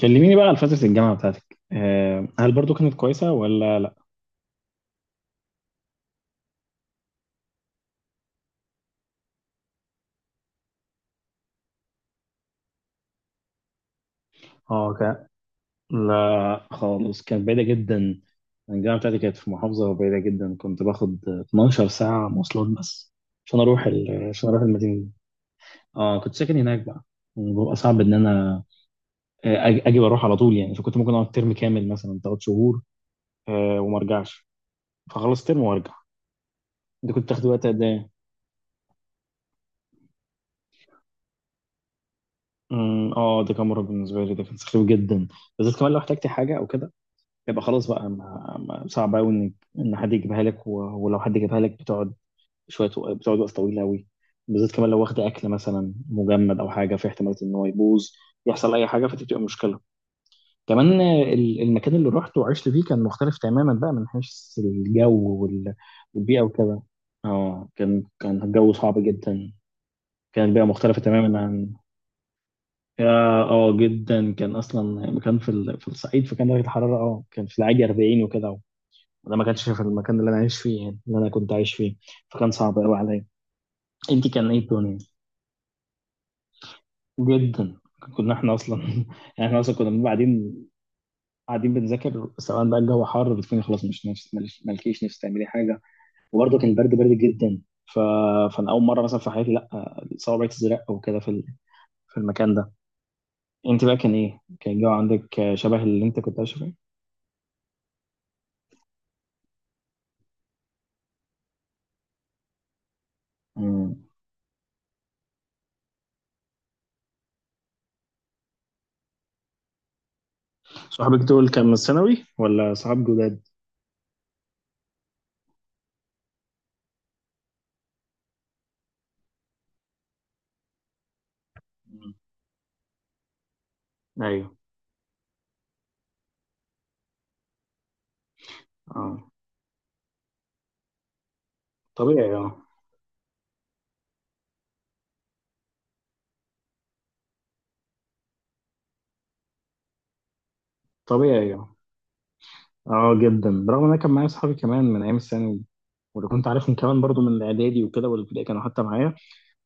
كلميني بقى على فترة الجامعة بتاعتك هل برضو كانت كويسة ولا لا؟ اه ك... لا خالص كانت بعيدة جدا. الجامعة بتاعتي كانت في محافظة بعيدة جدا، كنت باخد 12 ساعة مواصلات بس عشان أروح ال... عشان أروح المدينة دي. اه كنت ساكن هناك بقى. بيبقى صعب إن أنا أجي وأروح على طول يعني، فكنت ممكن أقعد ترم كامل مثلا 3 شهور وما أرجعش، فخلص ترم وأرجع. أنت كنت بتاخد وقت قد إيه؟ أمم، اه ده كان مرة بالنسبة لي، ده كان سخيف جدا، بالذات كمان لو احتجت حاجة أو كده. يبقى خلاص بقى صعب قوي ان حد يجيبها لك ولو حد جابها لك بتقعد شويه بتقعد وقت طويل قوي، بالذات كمان لو واخد اكل مثلا مجمد او حاجه، في احتمال ان هو يبوظ، يحصل اي حاجه فتبقى مشكله. كمان المكان اللي رحت وعشت فيه كان مختلف تماما بقى من حيث الجو والبيئه وكده. كان الجو صعب جدا. كانت بيئه مختلفه تماما عن جدا. كان اصلا مكان في الصعيد، فكان درجه الحراره كان في العادي 40 وكده. انا ما كانش في المكان اللي انا عايش فيه، يعني اللي انا كنت عايش فيه فكان صعب قوي عليا. انت كان ايه الدنيا؟ جدا. كنا احنا اصلا يعني احنا اصلا كنا بنبقى قاعدين بنذاكر، سواء بقى الجو حر، بتكوني خلاص مش نفس مالكيش نفس تعملي حاجه. وبرضه كان برد برد جدا. ف... فانا اول مره مثلا في حياتي لا صوابعي تزرق وكده في المكان ده. انت بقى كان ايه، كان الجو عندك شبه اللي انت كنت عايش فيه؟ مم. صحابك دول كان من الثانوي ولا صحاب جداد؟ مم. ايوه. اه. طبيعي اه. طبيعي اه. اه جدا، برغم ان انا كان معايا اصحابي كمان من ايام الثانوي، واللي كنت عارفهم كمان برضو من الاعدادي وكده، والابتدائي كانوا حتى معايا.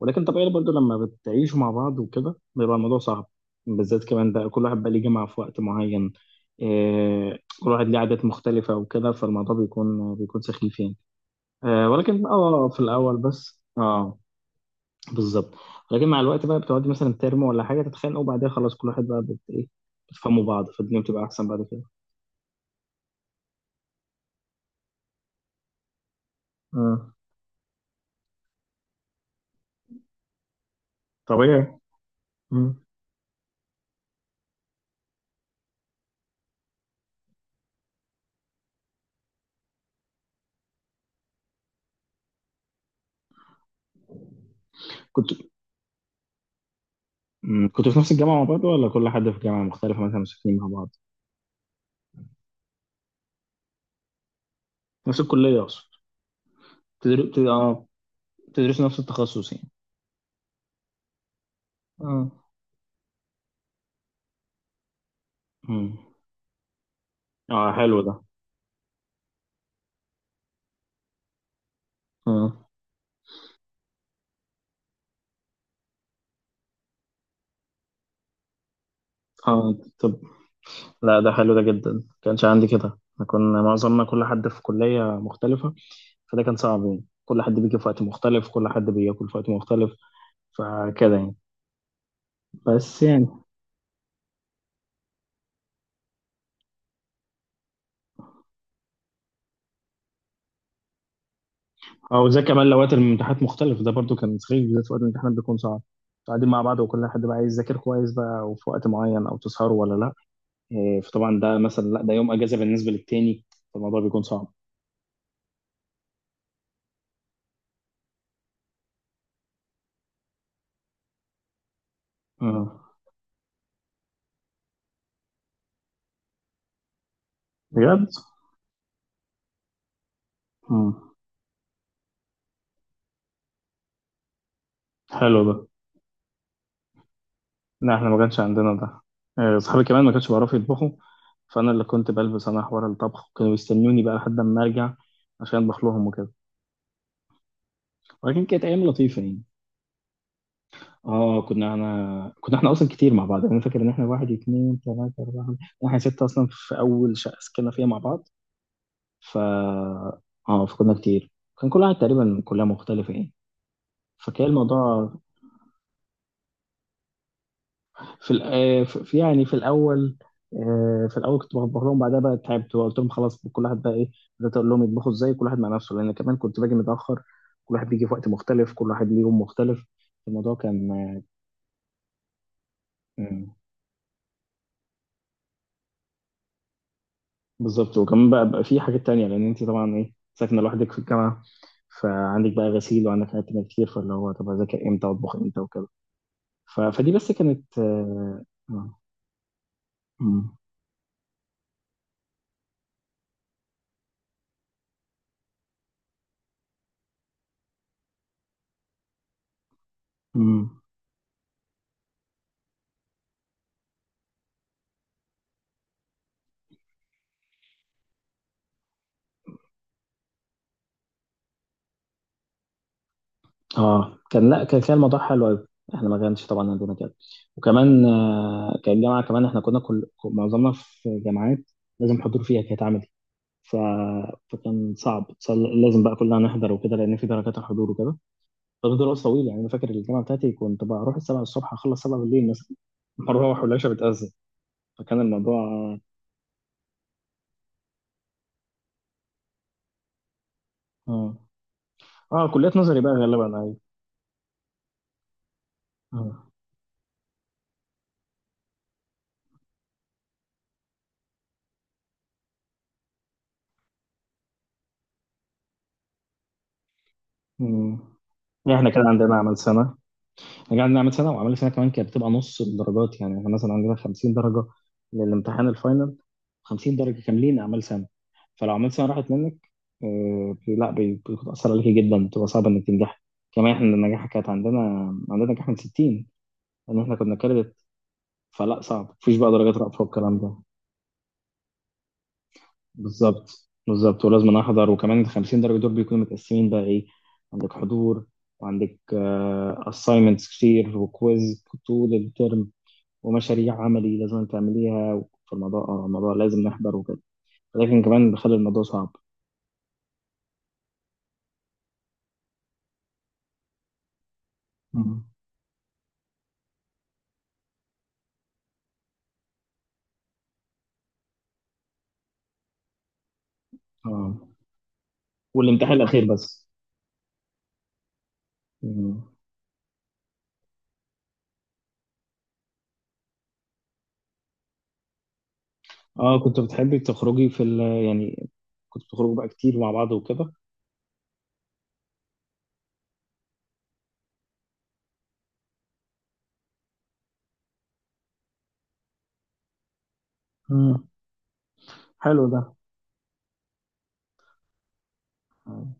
ولكن طبيعي برضو لما بتعيشوا مع بعض وكده بيبقى الموضوع صعب، بالذات كمان بقى كل واحد بقى ليه جامعة في وقت معين. إيه، كل واحد ليه عادات مختلفة وكده، فالموضوع بيكون سخيف يعني. ولكن في الاول بس بالظبط. لكن مع الوقت بقى بتقعدي مثلا ترموا ولا حاجة، تتخانقوا وبعدها خلاص كل واحد بقى بت ايه، بتفهموا بعض، فالدنيا بتبقى احسن بعد كده. آه. طبيعي. مم. كنت كنتوا في نفس الجامعة مع بعض ولا كل حد في جامعة مختلفة مثلا ساكنين مع بعض؟ نفس الكلية أقصد. تدر... تد... آه تدرسوا نفس التخصص يعني؟ اه. مم. اه حلو ده. اه. طب لا، ده حلو ده جدا، ما كانش عندي كده، احنا كنا معظمنا كل حد في كلية مختلفة، فده كان صعب يعني، كل حد بيجي في وقت مختلف، كل حد بياكل في وقت مختلف فكده يعني، بس يعني، او زي كمان لو وقت الامتحانات مختلف ده برضو، كان تخيل، بالذات في وقت الامتحانات بيكون صعب، قاعدين مع بعض وكل حد بقى عايز يذاكر كويس بقى وفي وقت معين، او تسهروا ولا لا، إيه، فطبعا ده مثلا لا، ده يوم اجازه بالنسبه للتاني فالموضوع بيكون صعب. آه. بجد. مم. حلو ده. لا احنا ما كانش عندنا ده. اصحابي كمان ما كانش بيعرفوا يطبخوا، فانا اللي كنت بلبس انا حوار الطبخ، وكانوا يستنوني بقى لحد ما ارجع عشان اطبخ لهم وكده. ولكن كانت ايام لطيفه يعني. اه كنا، انا كنا احنا اصلا كتير مع بعض يعني، انا فاكر ان احنا واحد اتنين تلاته اربعه خمسه، احنا سته اصلا في اول شقه سكننا فيها مع بعض. ف اه فكنا كتير، كان كل واحد تقريبا من كلها مختلفه يعني. فكان الموضوع في، الأ... آه، في يعني في الاول آه، في الاول كنت بطبخ لهم، بعدها بقى تعبت وقلت لهم خلاص كل واحد بقى ايه، بدات اقول لهم يطبخوا ازاي كل واحد مع نفسه، لان كمان كنت باجي متاخر، كل واحد بيجي في وقت مختلف، كل واحد ليه يوم مختلف، الموضوع كان آه، بالظبط. وكمان بقى في حاجات تانية، لأن أنت طبعا إيه، ساكنة لوحدك في الجامعة فعندك بقى غسيل وعندك حاجات تانية كتير، فاللي هو طب أذاكر إمتى، أطبخ إمتى وكده. فدي بس كانت آه. آه. مم. مم. آه، كان لا كان كان الموضوع حلو أوي، إحنا ما كانش طبعا عندنا كده. وكمان آه كان الجامعة كمان، إحنا كنا كل معظمنا في جامعات لازم حضور فيها، كانت عملي. ف... فكان لازم بقى كلنا نحضر وكده، لأن في درجات الحضور وكده. طب دراسة طويلة يعني، أنا فاكر الجامعة بتاعتي كنت بروح السبعة الصبح أخلص سبعة بالليل مثلا، بروح والعشاء بتأذن، فكان الموضوع آه. آه كليات نظري بقى غالبا، أيوة. آه. مم. يعني إحنا كده عندنا عمل سنة، يعني عندنا عمل سنة، وعمل سنة كمان كانت بتبقى نص الدرجات، يعني إحنا مثلا عندنا 50 درجة للامتحان الفاينل، 50 درجة كاملين أعمال سنة، فلو عملت سنة راحت منك. آه، بي- لا بي- بتأثر عليك جدا، بتبقى صعبة إنك تنجح، كمان إحنا النجاح كانت عندنا، عندنا نجاح من 60، لأن إحنا كنا، فلا صعب مفيش بقى درجات رأفة والكلام ده. بالظبط بالظبط، ولازم احضر، وكمان ال 50 درجة دول بيكونوا متقسمين بقى ايه، عندك حضور، وعندك assignments كتير وكويز طول الترم، ومشاريع عملي لازم تعمليها، فالموضوع الموضوع لازم نحضر وكده، لكن كمان بيخلي الموضوع صعب. مم. اه. والامتحان الأخير بس. مم. اه كنت بتحبي تخرجي في ال يعني، كنت بتخرجوا بقى كتير مع بعض وكده؟ مم. حلو ده. آه.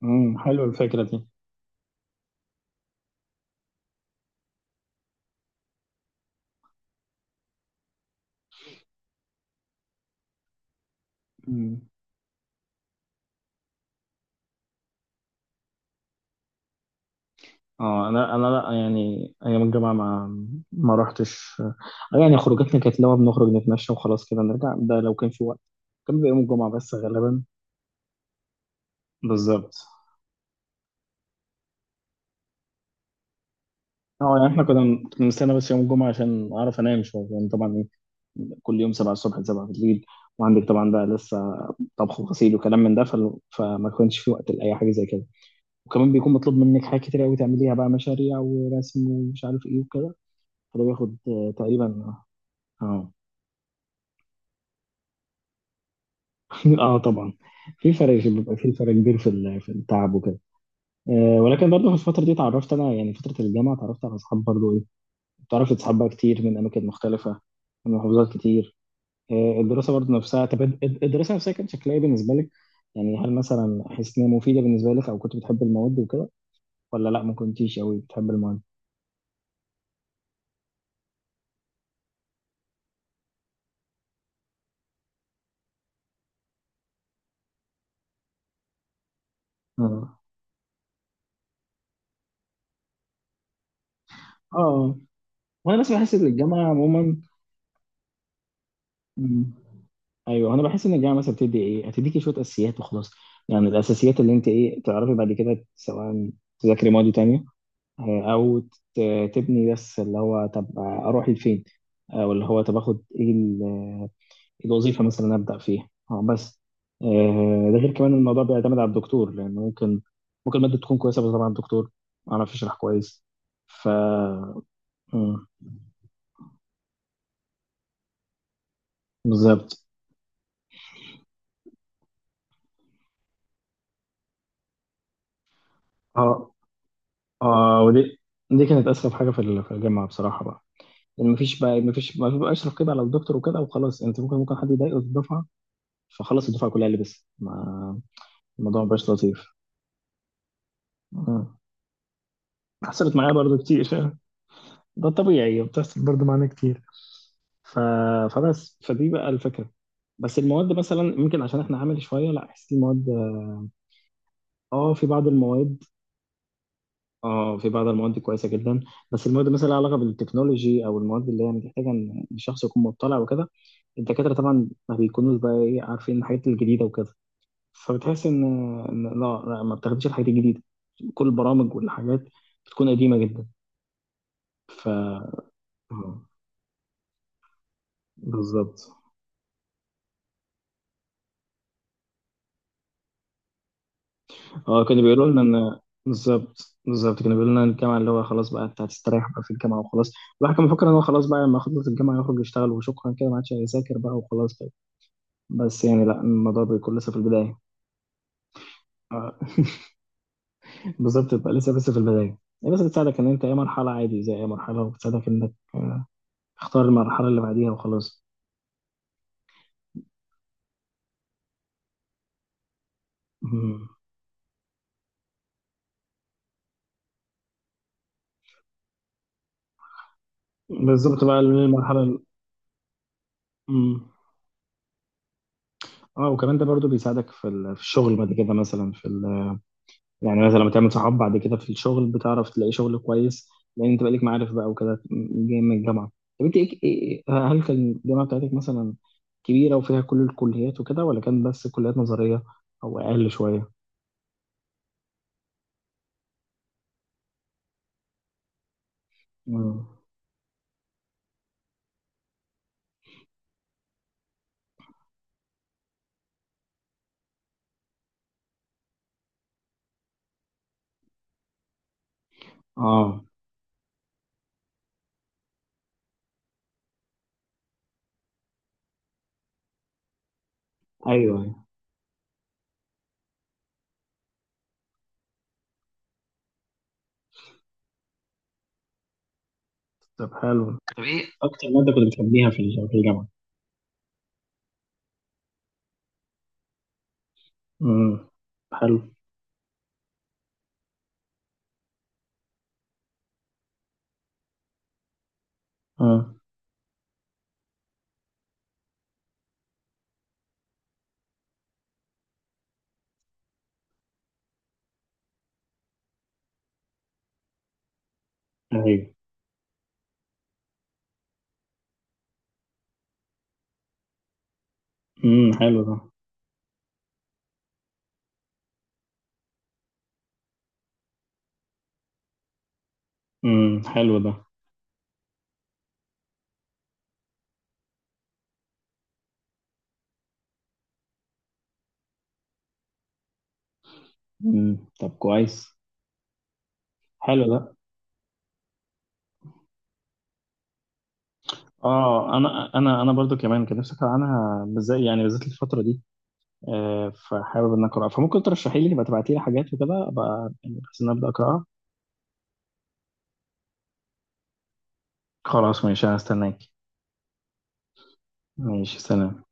مم، حلوة الفكرة دي. اه انا انا لا، يعني ايام الجامعه ما، ما رحتش يعني خروجاتنا كانت لو بنخرج نتمشى وخلاص كده نرجع، ده لو كان في وقت كان بيبقى يوم الجمعه بس غالبا. بالظبط. اه يعني احنا كنا كنا بنستنى بس يوم الجمعه عشان اعرف انام شويه، يعني طبعا ايه، كل يوم 7 الصبح ل 7 بالليل، وعندك طبعا بقى لسه طبخ وغسيل وكلام من ده، فما كانش في وقت لاي حاجه زي كده. وكمان بيكون مطلوب منك حاجات كتير قوي تعمليها بقى، مشاريع ورسم ومش عارف ايه وكده، فده بياخد تقريبا. اه. اه طبعا. في فرق بيبقى، في فرق كبير في التعب وكده. آه ولكن برضه في الفتره دي اتعرفت انا يعني، فتره الجامعه اتعرفت على اصحاب برضه ايه، اتعرفت اصحاب بقى كتير من اماكن مختلفه، من محافظات كتير. آه الدراسه برضه نفسها، طب الدراسه نفسها كانت شكلها ايه بالنسبه لك؟ يعني هل مثلا حسيت ان هي مفيده بالنسبه لك، او كنت بتحب المواد وكده، ولا لا ما كنتيش قوي بتحب المواد؟ اه. اه وانا بس بحس ان الجامعه عموما. مم. ايوه انا بحس ان الجامعه مثلا بتدي ايه، هتديكي شويه اساسيات وخلاص، يعني الاساسيات اللي انت ايه تعرفي بعد كده، سواء تذاكري مواد تانية او تبني، بس اللي هو طب اروح لفين، او اللي هو طب اخد ايه إيه الوظيفه مثلا ابدا فيها اه بس. ده غير كمان الموضوع بيعتمد على الدكتور، لان ممكن الماده تكون كويسه، بس طبعا الدكتور ما عرفش يشرح كويس. ف. مم، بالظبط. اه. اه ودي، دي كانت اسخف حاجه في الجامعه بصراحه بقى، يعني مفيش ما بيبقاش رقيب على الدكتور وكده وخلاص، يعني انت ممكن حد يضايقه في الدفعه، فخلاص الدفعه كلها لبست ما الموضوع مبقاش لطيف. مم. حصلت معايا برضو كتير، ده طبيعي بتحصل برضو معانا كتير. ف. فبس فدي بقى الفكره، بس المواد مثلا ممكن عشان احنا عملي شويه لا احس المواد، اه في بعض المواد، اه في بعض المواد كويسه جدا، بس المواد مثلا لها علاقه بالتكنولوجي او المواد اللي هي محتاجه ان الشخص يكون مطلع وكده، الدكاتره طبعا ما بيكونوش بقى ايه عارفين الحاجات الجديده وكده، فبتحس إن لا لا ما بتاخدش الحاجات الجديده، كل البرامج والحاجات بتكون قديمه جدا. ف. آه، بالظبط. اه كانوا بيقولوا لنا ان، بالظبط بالظبط كانوا بيقولوا لنا إن الجامعه اللي هو خلاص بقى انت هتستريح بقى في الجامعه وخلاص، الواحد كان مفكر ان هو خلاص بقى لما يخلص الجامعه يخرج يشتغل وشكرا كده، ما عادش هيذاكر بقى وخلاص. بس يعني لا الموضوع بيكون لسه في البداية. آه، بالظبط بيبقى لسه بس في البداية، هي بس بتساعدك إن أنت أي مرحلة عادي زي أي مرحلة، وبتساعدك إنك تختار المرحلة اللي بعديها وخلاص. مم. بالظبط بقى المرحلة ال-. مم. اه وكمان ده برضو بيساعدك في الشغل بعد كده مثلا في، يعني مثلا لما تعمل صحاب بعد كده في الشغل بتعرف تلاقي شغل كويس، لان انت بقالك معارف بقى وكده، جاي من الجامعه. طب انت إيه هل كان الجامعه بتاعتك مثلا كبيره وفيها كل الكليات وكده، ولا كان بس كليات نظريه، او اقل شويه؟ مم. اه. ايوه أيوة. طب حلو. طب ايه اكتر ماده كنت بتحبيها في في الجامعه؟ امم حلو. اه. ايوه. حلو ده. حلو ده. طب كويس. حلو ده. اه انا برضو كمان كان نفسي اقرا عنها، بالذات يعني بالذات الفتره دي، فحابب ان اقراها، فممكن ترشحي لي يبقى تبعتي لي حاجات وكده، ابقى يعني بحيث ان أنا ابدا اقراها. خلاص ماشي هستناك. ماشي سلام.